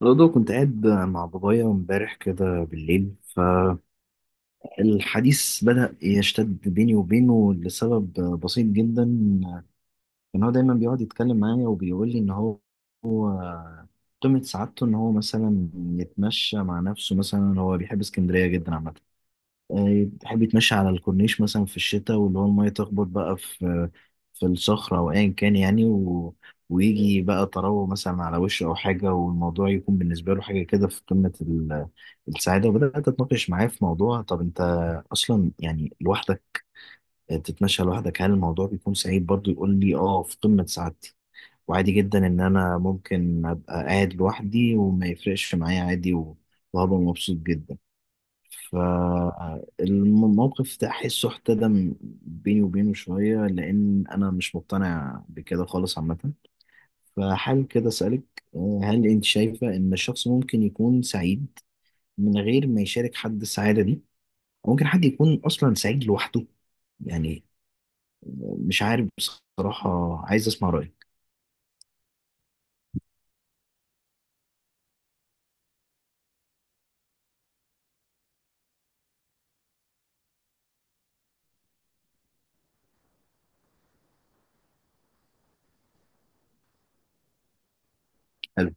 برضه كنت قاعد مع بابايا امبارح كده بالليل. فالحديث بدأ يشتد بيني وبينه لسبب بسيط جدا، ان هو دايما بيقعد يتكلم معايا وبيقول لي ان هو قمة سعادته ان هو مثلا يتمشى مع نفسه. مثلا هو بيحب اسكندرية جدا عامة، تحب تمشي على الكورنيش مثلا في الشتاء، واللي هو المية تخبط بقى في الصخرة أو أيا كان يعني، ويجي بقى تروه مثلا على وشه أو حاجة، والموضوع يكون بالنسبة له حاجة كده في قمة السعادة. وبدأت أتناقش معاه في موضوع، طب أنت أصلا يعني لوحدك تتمشى لوحدك، هل الموضوع بيكون سعيد؟ برضه يقول لي آه في قمة سعادتي، وعادي جدا إن أنا ممكن أبقى قاعد لوحدي وما يفرقش معايا عادي، وهبقى مبسوط جدا. فالموقف ده أحسه احتدم بيني وبينه شوية، لأن أنا مش مقتنع بكده خالص عامة. فحال كده أسألك، هل أنت شايفة إن الشخص ممكن يكون سعيد من غير ما يشارك حد السعادة دي؟ أو ممكن حد يكون أصلا سعيد لوحده؟ يعني مش عارف بصراحة، عايز أسمع رأيك. حلو.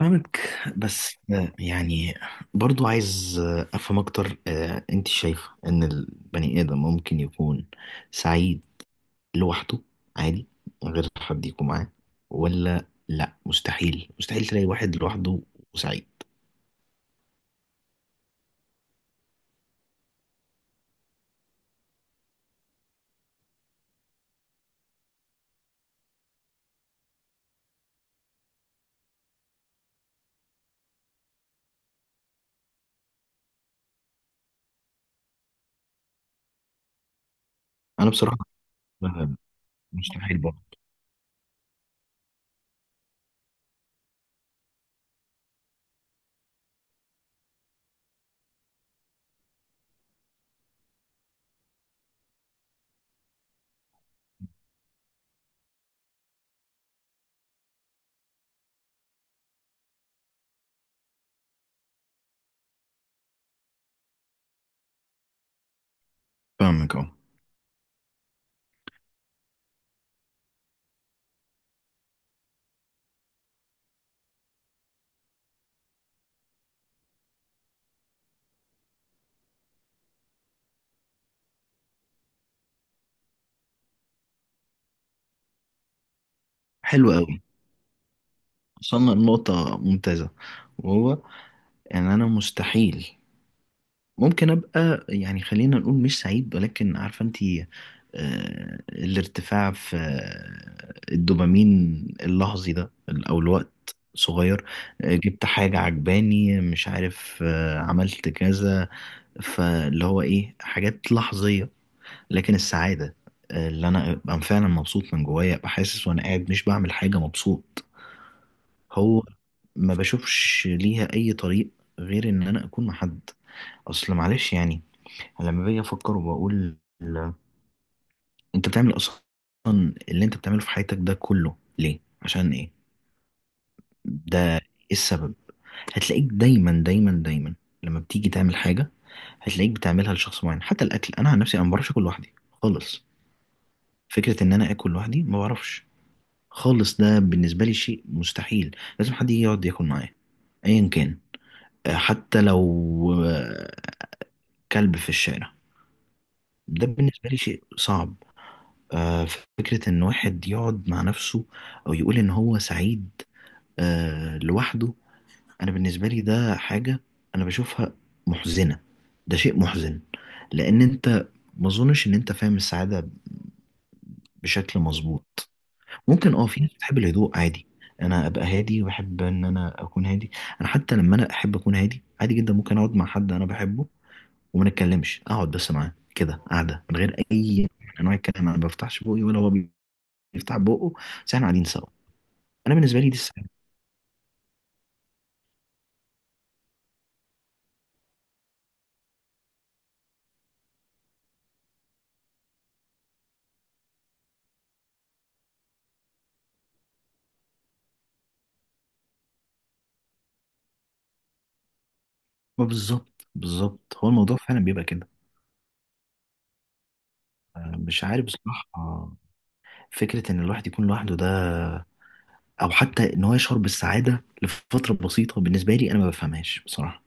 فاهمك، بس يعني برضو عايز افهم اكتر. انت شايفه ان البني ادم ممكن يكون سعيد لوحده عادي، من غير حد يكون معاه؟ ولا لا، مستحيل تلاقي واحد لوحده وسعيد؟ انا بصراحة بحبها، مستحيل برضه. فاهمك اهو. حلو قوي، وصلنا لنقطة ممتازة، وهو ان انا مستحيل ممكن ابقى يعني، خلينا نقول مش سعيد، ولكن عارفة انت الارتفاع في الدوبامين اللحظي ده، او الوقت صغير، جبت حاجة عجباني، مش عارف، عملت كذا. فاللي هو ايه، حاجات لحظية. لكن السعادة اللي انا ابقى فعلا مبسوط من جوايا، ابقى حاسس وانا قاعد مش بعمل حاجة مبسوط، هو ما بشوفش ليها اي طريق غير ان انا اكون مع حد. اصل معلش يعني، أنا لما باجي افكر وبقول، ال- انت بتعمل اصلا اللي انت بتعمله في حياتك ده كله ليه، عشان ايه؟ ده ايه السبب؟ هتلاقيك دايما لما بتيجي تعمل حاجه، هتلاقيك بتعملها لشخص معين. حتى الاكل، انا عن نفسي انا ما بعرفش اكل لوحدي خالص. فكرة إن أنا آكل لوحدي ما بعرفش خالص، ده بالنسبة لي شيء مستحيل، لازم حد يجي يقعد ياكل معايا أيا كان. حتى لو آه، كلب في الشارع. ده بالنسبة لي شيء صعب. آه، فكرة إن واحد يقعد مع نفسه أو يقول إن هو سعيد لوحده، أنا بالنسبة لي ده حاجة أنا بشوفها محزنة. ده شيء محزن، لأن أنت ما أظنش إن أنت فاهم السعادة بشكل مظبوط. ممكن اه في ناس بتحب الهدوء عادي، انا ابقى هادي وبحب ان انا اكون هادي. انا حتى لما انا احب اكون هادي عادي جدا، ممكن اقعد مع حد انا بحبه وما نتكلمش، اقعد بس معاه كده قاعده من غير اي نوع من انواع الكلام، انا ما بفتحش بوقي ولا هو بيفتح بقه، بس احنا قاعدين سوا. انا بالنسبه لي دي السعاده. ما بالظبط بالظبط، هو الموضوع فعلا بيبقى كده. مش عارف بصراحه، فكره ان الواحد يكون لوحده ده، او حتى ان هو يشعر بالسعاده لفتره بسيطه، بالنسبه لي انا ما بفهمهاش بصراحه.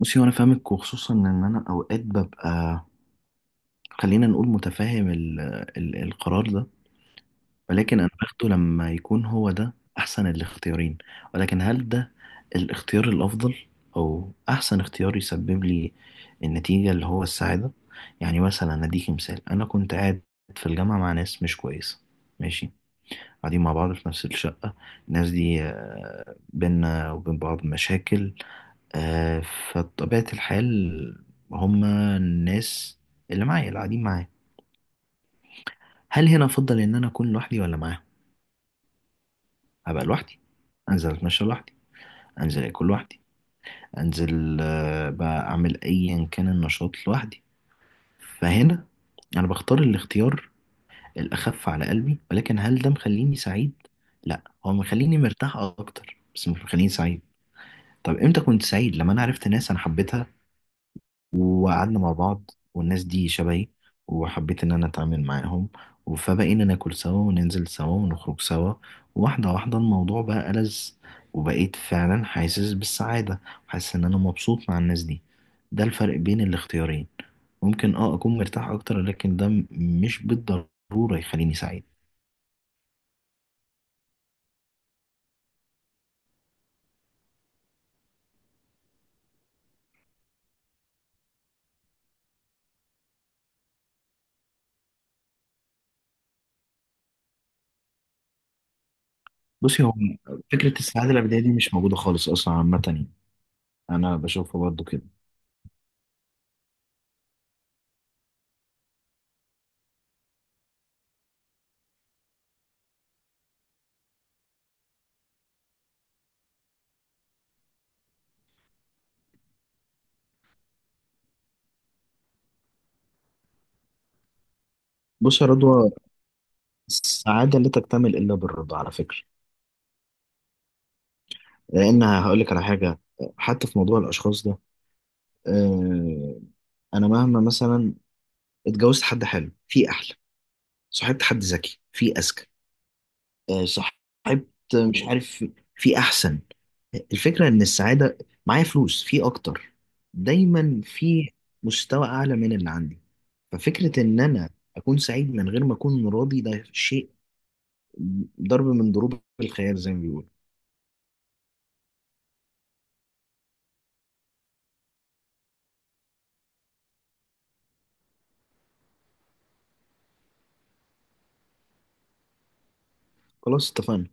بصي، وانا فاهمك، وخصوصا ان انا اوقات ببقى، خلينا نقول متفاهم ال القرار ده، ولكن انا باخده لما يكون هو ده احسن الاختيارين. ولكن هل ده الاختيار الافضل او احسن اختيار يسبب لي النتيجة اللي هو السعادة؟ يعني مثلا اديكي مثال، انا كنت قاعد في الجامعة مع ناس مش كويسة ماشي، قاعدين مع بعض في نفس الشقة. الناس دي بينا وبين بعض مشاكل. آه، فطبيعة الحال، هما الناس اللي معايا اللي قاعدين معايا، هل هنا أفضل إن أنا أكون لوحدي ولا معاهم؟ أبقى لوحدي، أنزل أتمشى لوحدي، أنزل أكل لوحدي، أنزل بقى أعمل أيا كان النشاط لوحدي. فهنا أنا بختار الاختيار الأخف على قلبي، ولكن هل ده مخليني سعيد؟ لا، هو مخليني مرتاح أكتر بس مش مخليني سعيد. طب إمتى كنت سعيد؟ لما أنا عرفت ناس أنا حبيتها وقعدنا مع بعض، والناس دي شبهي وحبيت ان انا اتعامل معاهم، فبقينا ناكل سوا وننزل سوا ونخرج سوا. واحدة واحدة الموضوع بقى ألذ، وبقيت فعلا حاسس بالسعادة، حاسس ان انا مبسوط مع الناس دي. ده الفرق بين الاختيارين. ممكن اه اكون مرتاح اكتر، لكن ده مش بالضرورة يخليني سعيد. بصي، هو فكرة السعادة الأبدية دي مش موجودة خالص أصلا عامة يعني، أنا بشوفها برضه كده. بص يا رضوى، السعادة لا تكتمل إلا بالرضا على فكرة. لان هقول لك على حاجه، حتى في موضوع الاشخاص ده، آه، انا مهما مثلا اتجوزت حد حلو في احلى، صاحبت حد ذكي في اذكى، صاحبت، مش عارف، في احسن، الفكره ان السعاده، معايا فلوس في اكتر، دايما في مستوى اعلى من اللي عندي. ففكره ان انا اكون سعيد من غير ما اكون راضي، ده شيء ضرب من ضروب الخيال زي ما بيقولوا. خلاص اتفقنا.